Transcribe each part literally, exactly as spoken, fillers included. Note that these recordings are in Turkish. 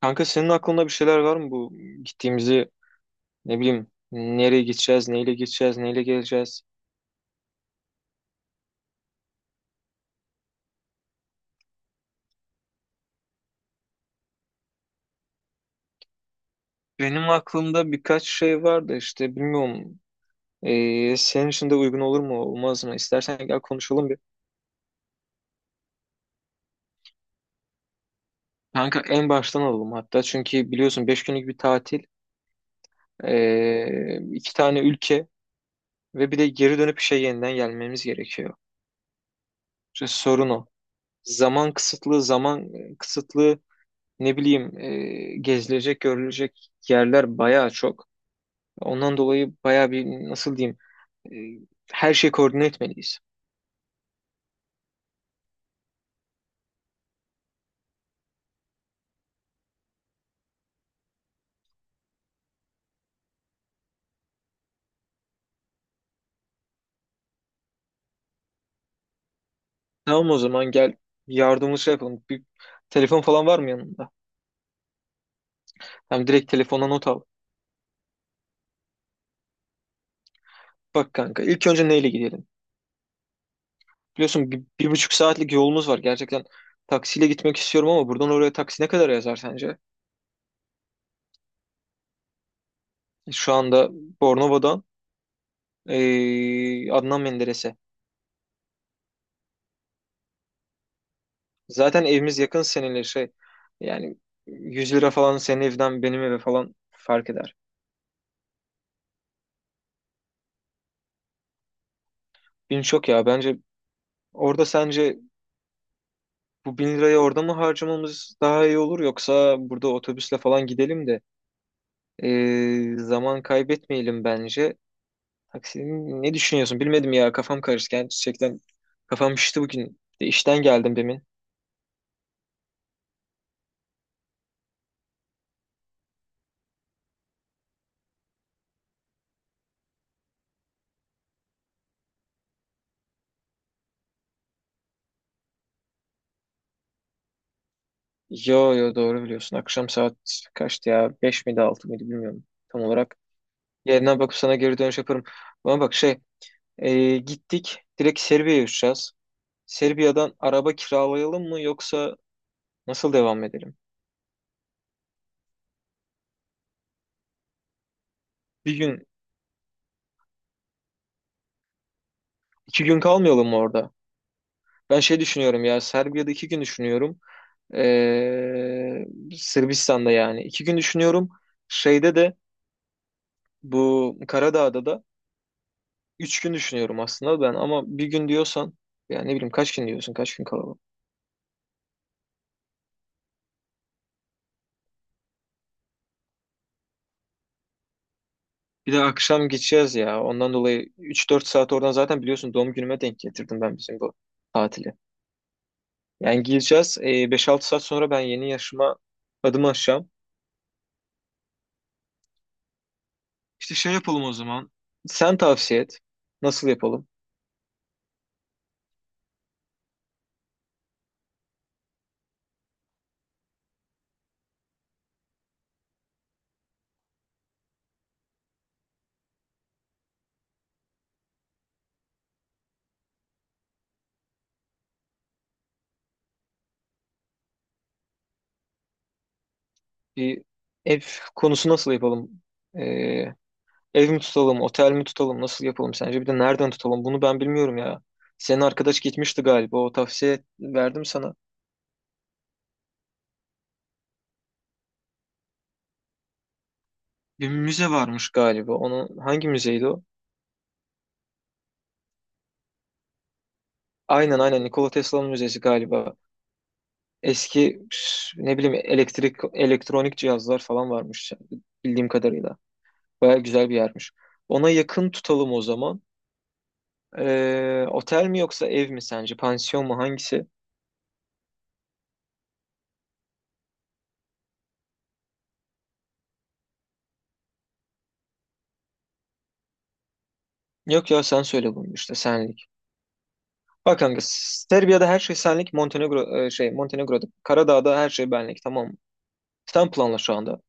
Kanka senin aklında bir şeyler var mı bu gittiğimizi ne bileyim nereye gideceğiz, neyle gideceğiz, neyle geleceğiz? Benim aklımda birkaç şey var da işte bilmiyorum ee, senin için de uygun olur mu olmaz mı? İstersen gel konuşalım bir. Kanka en baştan alalım hatta çünkü biliyorsun beş günlük bir tatil, ee, iki tane ülke ve bir de geri dönüp işe yeniden gelmemiz gerekiyor. İşte sorun o. Zaman kısıtlı, zaman kısıtlı ne bileyim ee, gezilecek, görülecek yerler bayağı çok. Ondan dolayı bayağı bir nasıl diyeyim e, her şeyi koordine etmeliyiz. Tamam o zaman gel yardımımızı şey yapalım. Bir telefon falan var mı yanında? Hem direkt telefona not al. Bak kanka ilk önce neyle gidelim? Biliyorsun bir, bir buçuk saatlik yolumuz var. Gerçekten taksiyle gitmek istiyorum ama buradan oraya taksi ne kadar yazar sence? Şu anda Bornova'dan e, Adnan Menderes'e. Zaten evimiz yakın seninle şey. Yani yüz lira falan senin evden benim eve falan fark eder. Bin çok ya bence. Orada sence bu bin lirayı orada mı harcamamız daha iyi olur yoksa burada otobüsle falan gidelim de ee, zaman kaybetmeyelim bence. Taksi ne düşünüyorsun? Bilmedim ya kafam karıştı. Yani gerçekten kafam şişti bugün. De işten geldim demin. Yo yo, doğru biliyorsun. Akşam saat kaçtı ya? beş miydi altı mıydı bilmiyorum tam olarak. Yerine bakıp sana geri dönüş yaparım. Bana bak şey ee, gittik direkt Serbia'ya uçacağız. Serbia'dan araba kiralayalım mı yoksa nasıl devam edelim? Bir gün. İki gün kalmayalım mı orada? Ben şey düşünüyorum ya, Serbia'da iki gün düşünüyorum. Ee, Sırbistan'da yani. iki gün düşünüyorum. Şeyde de bu Karadağ'da da üç gün düşünüyorum aslında ben. Ama bir gün diyorsan ya ne bileyim kaç gün diyorsun kaç gün kalalım. Bir de akşam gideceğiz ya. Ondan dolayı üç dört saat oradan zaten biliyorsun doğum günüme denk getirdim ben bizim bu tatili. Yani gireceğiz. Ee, beş altı saat sonra ben yeni yaşıma adım atacağım. İşte şey yapalım o zaman. Sen tavsiye et. Nasıl yapalım? Bir ev konusu nasıl yapalım? Ee, ev mi tutalım, otel mi tutalım, nasıl yapalım sence? Bir de nereden tutalım? Bunu ben bilmiyorum ya. Senin arkadaş gitmişti galiba. O tavsiye verdim sana. Bir müze varmış galiba. Onun hangi müzeydi o? Aynen aynen, Nikola Tesla'nın müzesi galiba. Eski üf, ne bileyim elektrik elektronik cihazlar falan varmış bildiğim kadarıyla. Baya güzel bir yermiş. Ona yakın tutalım o zaman. Ee, otel mi yoksa ev mi sence? Pansiyon mu, hangisi? Yok ya sen söyle bunu işte, senlik. Bak kanka Serbia'da her şey senlik. Montenegro e, şey Montenegro'da, Karadağ'da her şey benlik, tamam mı? Sen planla şu anda.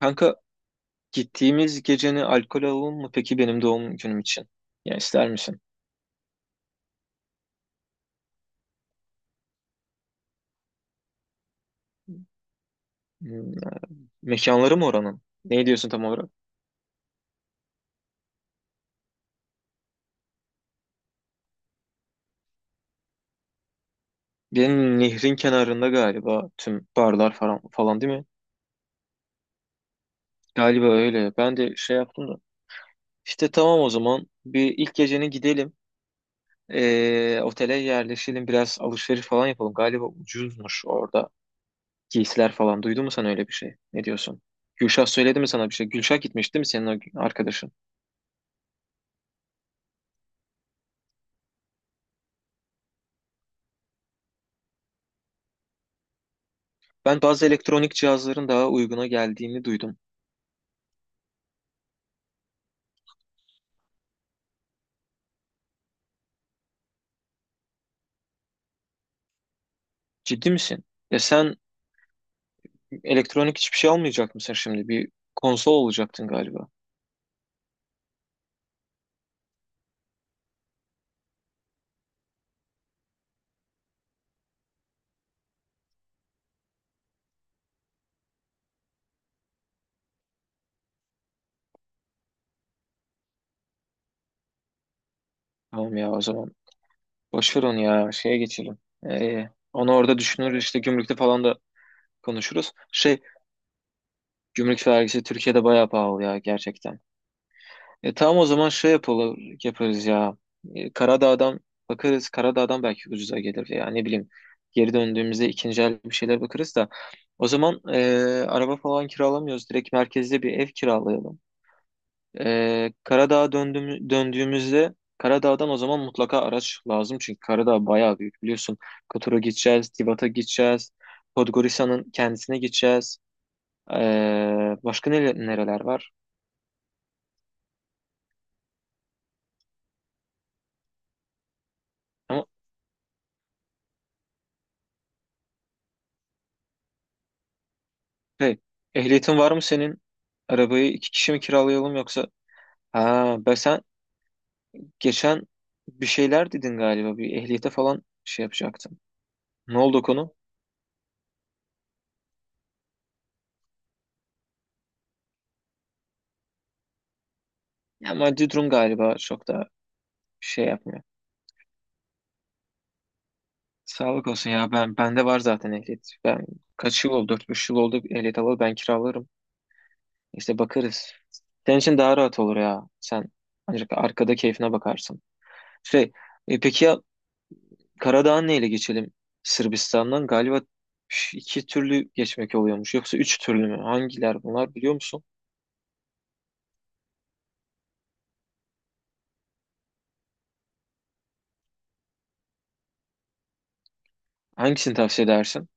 Kanka gittiğimiz geceni alkol alalım mı peki benim doğum günüm için? Ya ister misin? Hmm. Mekanları mı oranın? Ne diyorsun tam olarak? Benim nehrin kenarında galiba tüm barlar falan falan, değil mi? Galiba öyle. Ben de şey yaptım da. İşte tamam o zaman bir ilk geceni gidelim. Ee, otele yerleşelim, biraz alışveriş falan yapalım. Galiba ucuzmuş orada giysiler falan. Duydun mu sen öyle bir şey? Ne diyorsun? Gülşah söyledi mi sana bir şey? Gülşah gitmiş değil mi senin o arkadaşın? Ben bazı elektronik cihazların daha uyguna geldiğini duydum. Ciddi misin? Ya sen elektronik hiçbir şey almayacak mısın şimdi? Bir konsol olacaktın galiba. Tamam ya o zaman. Boş ver onu ya. Şeye geçelim. Ee, onu orada düşünürüz. İşte gümrükte falan da konuşuruz. Şey, gümrük vergisi Türkiye'de bayağı pahalı ya gerçekten. E, tamam o zaman şey yapalım, yaparız ya. E, Karadağ'dan bakarız. Karadağ'dan belki ucuza gelir ya, ne bileyim. Geri döndüğümüzde ikinci el bir şeyler bakarız da. O zaman e, araba falan kiralamıyoruz. Direkt merkezde bir ev kiralayalım. E, Karadağ'a döndüğüm, döndüğümüzde Karadağ'dan o zaman mutlaka araç lazım. Çünkü Karadağ bayağı büyük, biliyorsun. Kotor'a gideceğiz, Tibat'a gideceğiz. Podgorica'nın kendisine gideceğiz. E, başka nere- nereler var? Hey, ehliyetin var mı senin? Arabayı iki kişi mi kiralayalım yoksa? Ha, ben sen geçen bir şeyler dedin galiba. Bir ehliyete falan şey yapacaktın. Ne oldu o konu? Ya maddi durum galiba çok da şey yapmıyor. Sağlık olsun ya, ben bende var zaten ehliyet. Ben kaç yıl oldu? Dört beş yıl oldu ehliyet alalı, ben kiralarım. İşte bakarız. Senin için daha rahat olur ya. Sen ancak arkada keyfine bakarsın. Şey, e, peki ya Karadağ'ın neyle geçelim? Sırbistan'dan galiba ş- iki türlü geçmek oluyormuş. Yoksa üç türlü mü? Hangiler bunlar, biliyor musun? Hangisini tavsiye edersin?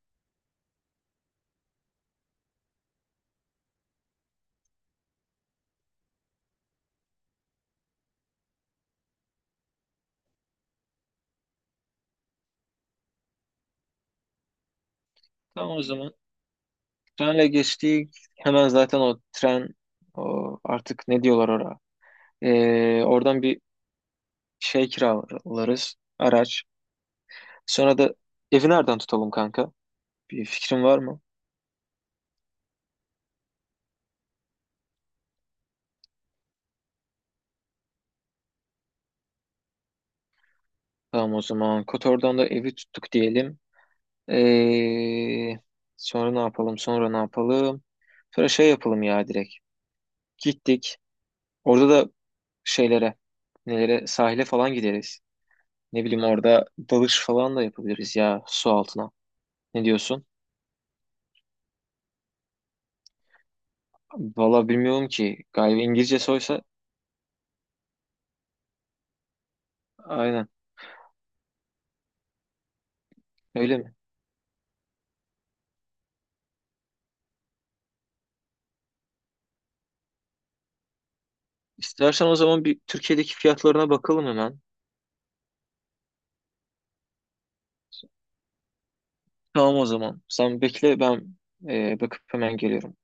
Tamam o zaman. Trenle geçtik. Hemen zaten o tren, o artık ne diyorlar oraya? Ee, oradan bir şey kiralarız. Araç. Sonra da evi nereden tutalım kanka? Bir fikrin var mı? Tamam o zaman. Kotor'dan da evi tuttuk diyelim. Ee, sonra ne yapalım? Sonra ne yapalım? Sonra şey yapalım ya direkt. Gittik. Orada da şeylere, nelere, sahile falan gideriz. Ne bileyim orada dalış falan da yapabiliriz ya, su altına. Ne diyorsun? Valla bilmiyorum ki. Galiba İngilizce soysa aynen, öyle mi? İstersen o zaman bir Türkiye'deki fiyatlarına bakalım hemen. Tamam o zaman. Sen bekle, ben e, bakıp hemen geliyorum.